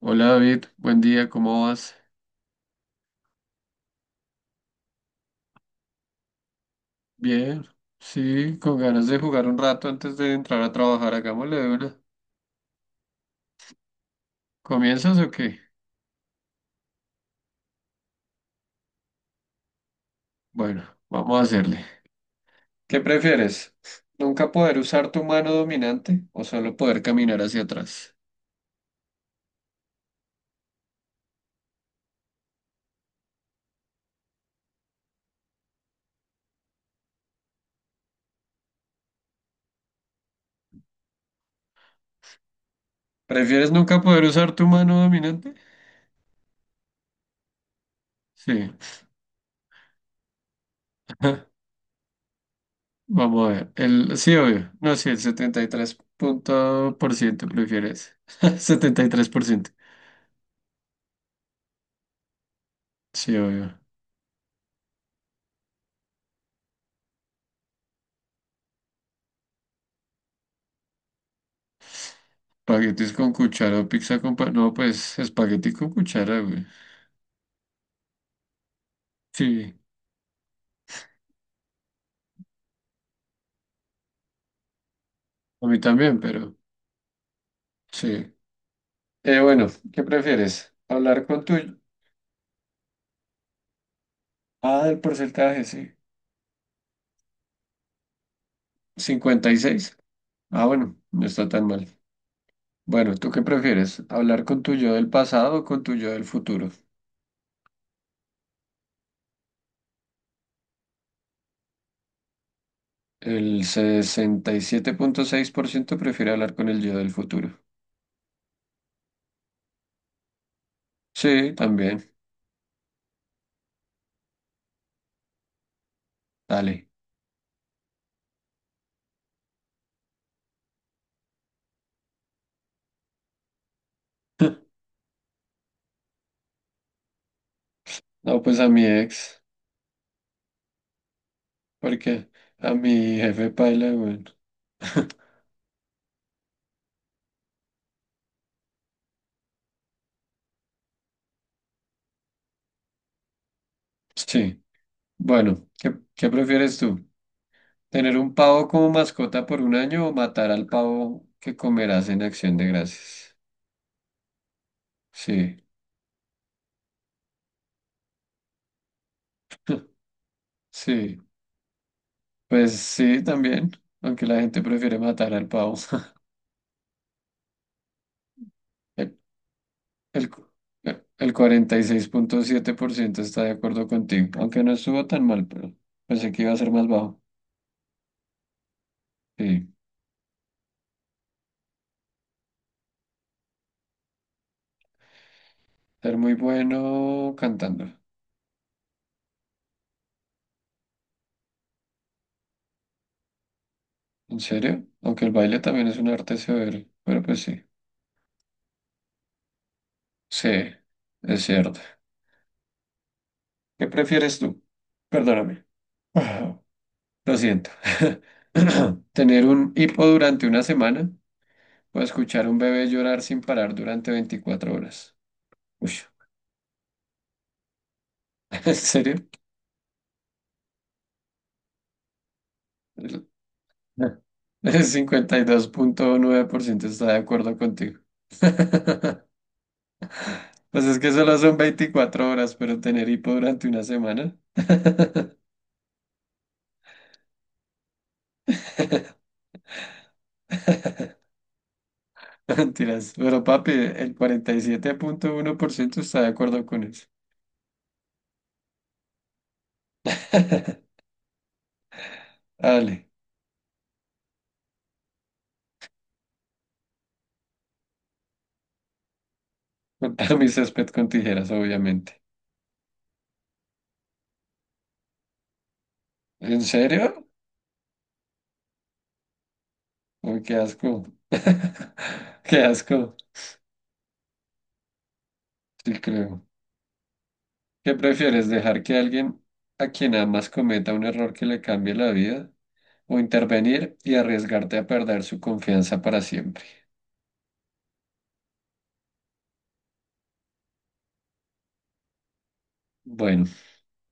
Hola David, buen día, ¿cómo vas? Bien, sí, con ganas de jugar un rato antes de entrar a trabajar, hagámosle de una. ¿Comienzas o qué? Bueno, vamos a hacerle. ¿Qué prefieres? ¿Nunca poder usar tu mano dominante o solo poder caminar hacia atrás? ¿Prefieres nunca poder usar tu mano dominante? Sí, vamos a ver. Sí, obvio. No, sí, el setenta y tres punto por ciento prefieres. 73%. Sí, obvio. Espaguetis con cuchara o pizza con no, pues espagueti con cuchara, güey. Sí, a mí también, pero sí. Bueno, ¿qué prefieres? ¿Hablar con tu? Ah, el porcentaje, sí. Cincuenta y seis. Ah, bueno, no está tan mal. Bueno, ¿tú qué prefieres? ¿Hablar con tu yo del pasado o con tu yo del futuro? El 67,6% prefiere hablar con el yo del futuro. Sí, también. Dale. No, pues a mi ex, porque a mi jefe paila, güey. Sí. Bueno, ¿qué prefieres tú? ¿Tener un pavo como mascota por un año o matar al pavo que comerás en Acción de Gracias? Sí, sí, pues sí, también, aunque la gente prefiere matar al pavo. El, el, cu- el 46,7% está de acuerdo contigo, aunque no estuvo tan mal, pero pensé que iba a ser más bajo. Sí, ser muy bueno cantando. ¿En serio? Aunque el baile también es un arte severo, pero pues sí, sí, es cierto. ¿Qué prefieres tú? Perdóname. Ah, lo siento. ¿Tener un hipo durante una semana o escuchar un bebé llorar sin parar durante 24 horas? Uy, ¿en serio? El el 52,9% está de acuerdo contigo. Pues es que solo son 24 horas, pero tener hipo durante una semana. Mentiras. Pero papi, el 47,1% está de acuerdo con eso. Dale. Cortar mi césped con tijeras, obviamente. ¿En serio? Uy, qué asco. Qué asco. Sí, creo. ¿Qué prefieres, dejar que alguien a quien amas cometa un error que le cambie la vida o intervenir y arriesgarte a perder su confianza para siempre? Bueno,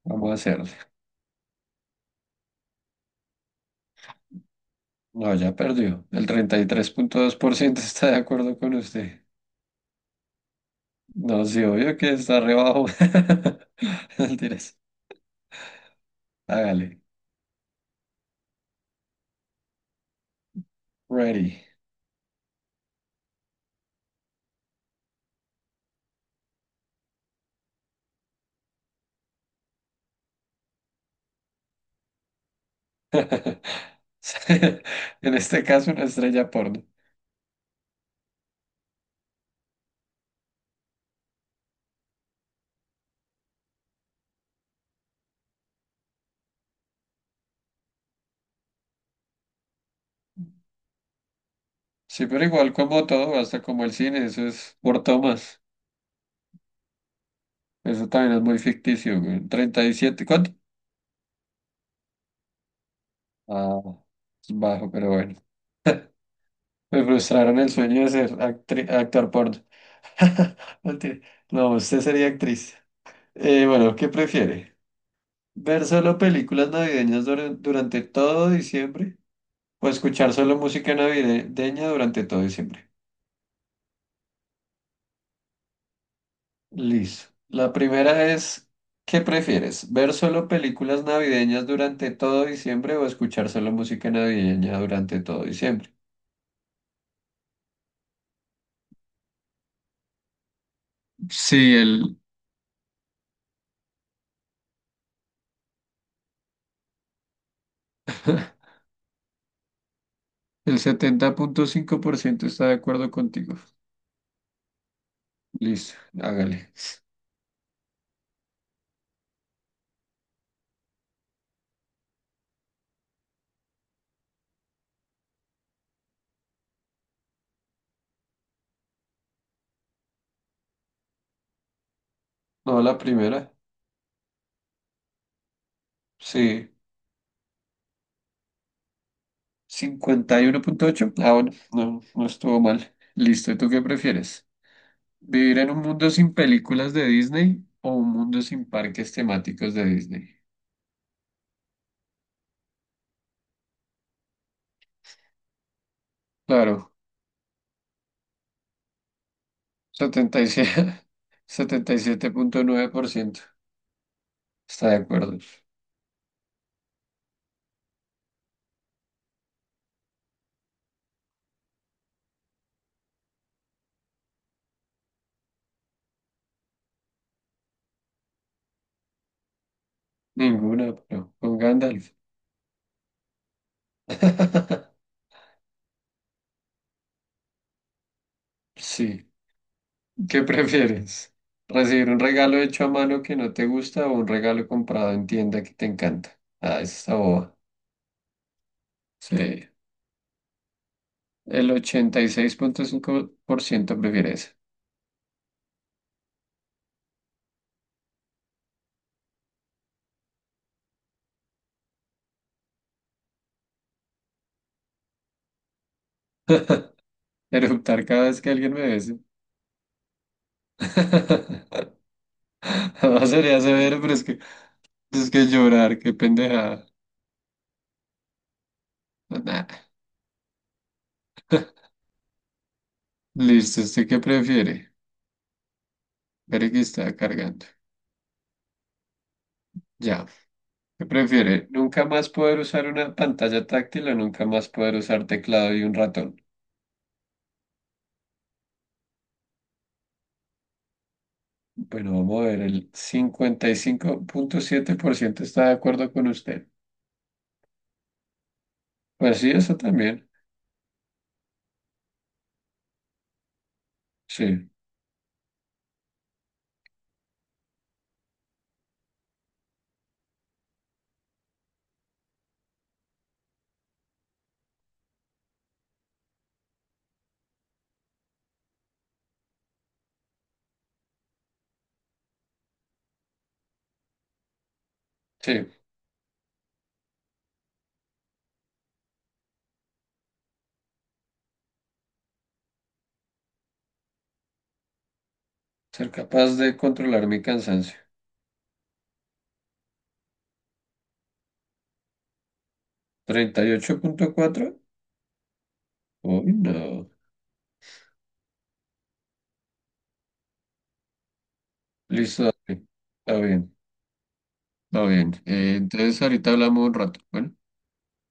vamos a hacerle. No, ya perdió. El 33,2% está de acuerdo con usted. No, sí, obvio que está re bajo. Mentiras. Hágale. Ready. En este caso, una estrella porno. Sí, pero igual como todo, hasta como el cine, eso es por tomas. Eso también es muy ficticio, güey. 37, ¿cuánto? Ah, es bajo, pero bueno. Me frustraron el sueño de ser actor porno. Mentira. No, usted sería actriz. Bueno, ¿qué prefiere? ¿Ver solo películas navideñas durante todo diciembre? ¿O escuchar solo música navideña durante todo diciembre? Listo. La primera es, ¿qué prefieres? ¿Ver solo películas navideñas durante todo diciembre o escuchar solo música navideña durante todo diciembre? Sí, el 70,5% está de acuerdo contigo. Listo, hágale. No, la primera. Sí, 51,8. Ah, bueno, no, no estuvo mal. Listo, ¿y tú qué prefieres? ¿Vivir en un mundo sin películas de Disney o un mundo sin parques temáticos de Disney? Claro. setenta setenta y siete 77,9% está de acuerdo. Ninguna, pero con Gandalf. Sí. ¿Qué prefieres? ¿Recibir un regalo hecho a mano que no te gusta o un regalo comprado en tienda que te encanta? Ah, esa está boba. Sí. El 86,5% prefiere eso. Eruptar cada vez que alguien me bese. No sería severo, pero es que llorar, qué pendejada. Nah. Listo, ¿usted qué prefiere? Espere que está cargando. Ya. ¿Qué prefiere? ¿Nunca más poder usar una pantalla táctil o nunca más poder usar teclado y un ratón? Bueno, vamos a ver, el 55,7% está de acuerdo con usted. Pues sí, eso también. Sí, sí. Ser capaz de controlar mi cansancio. 38,4. Uy, no. Listo, dale. Está bien. Está bien. Entonces ahorita hablamos un rato. Bueno.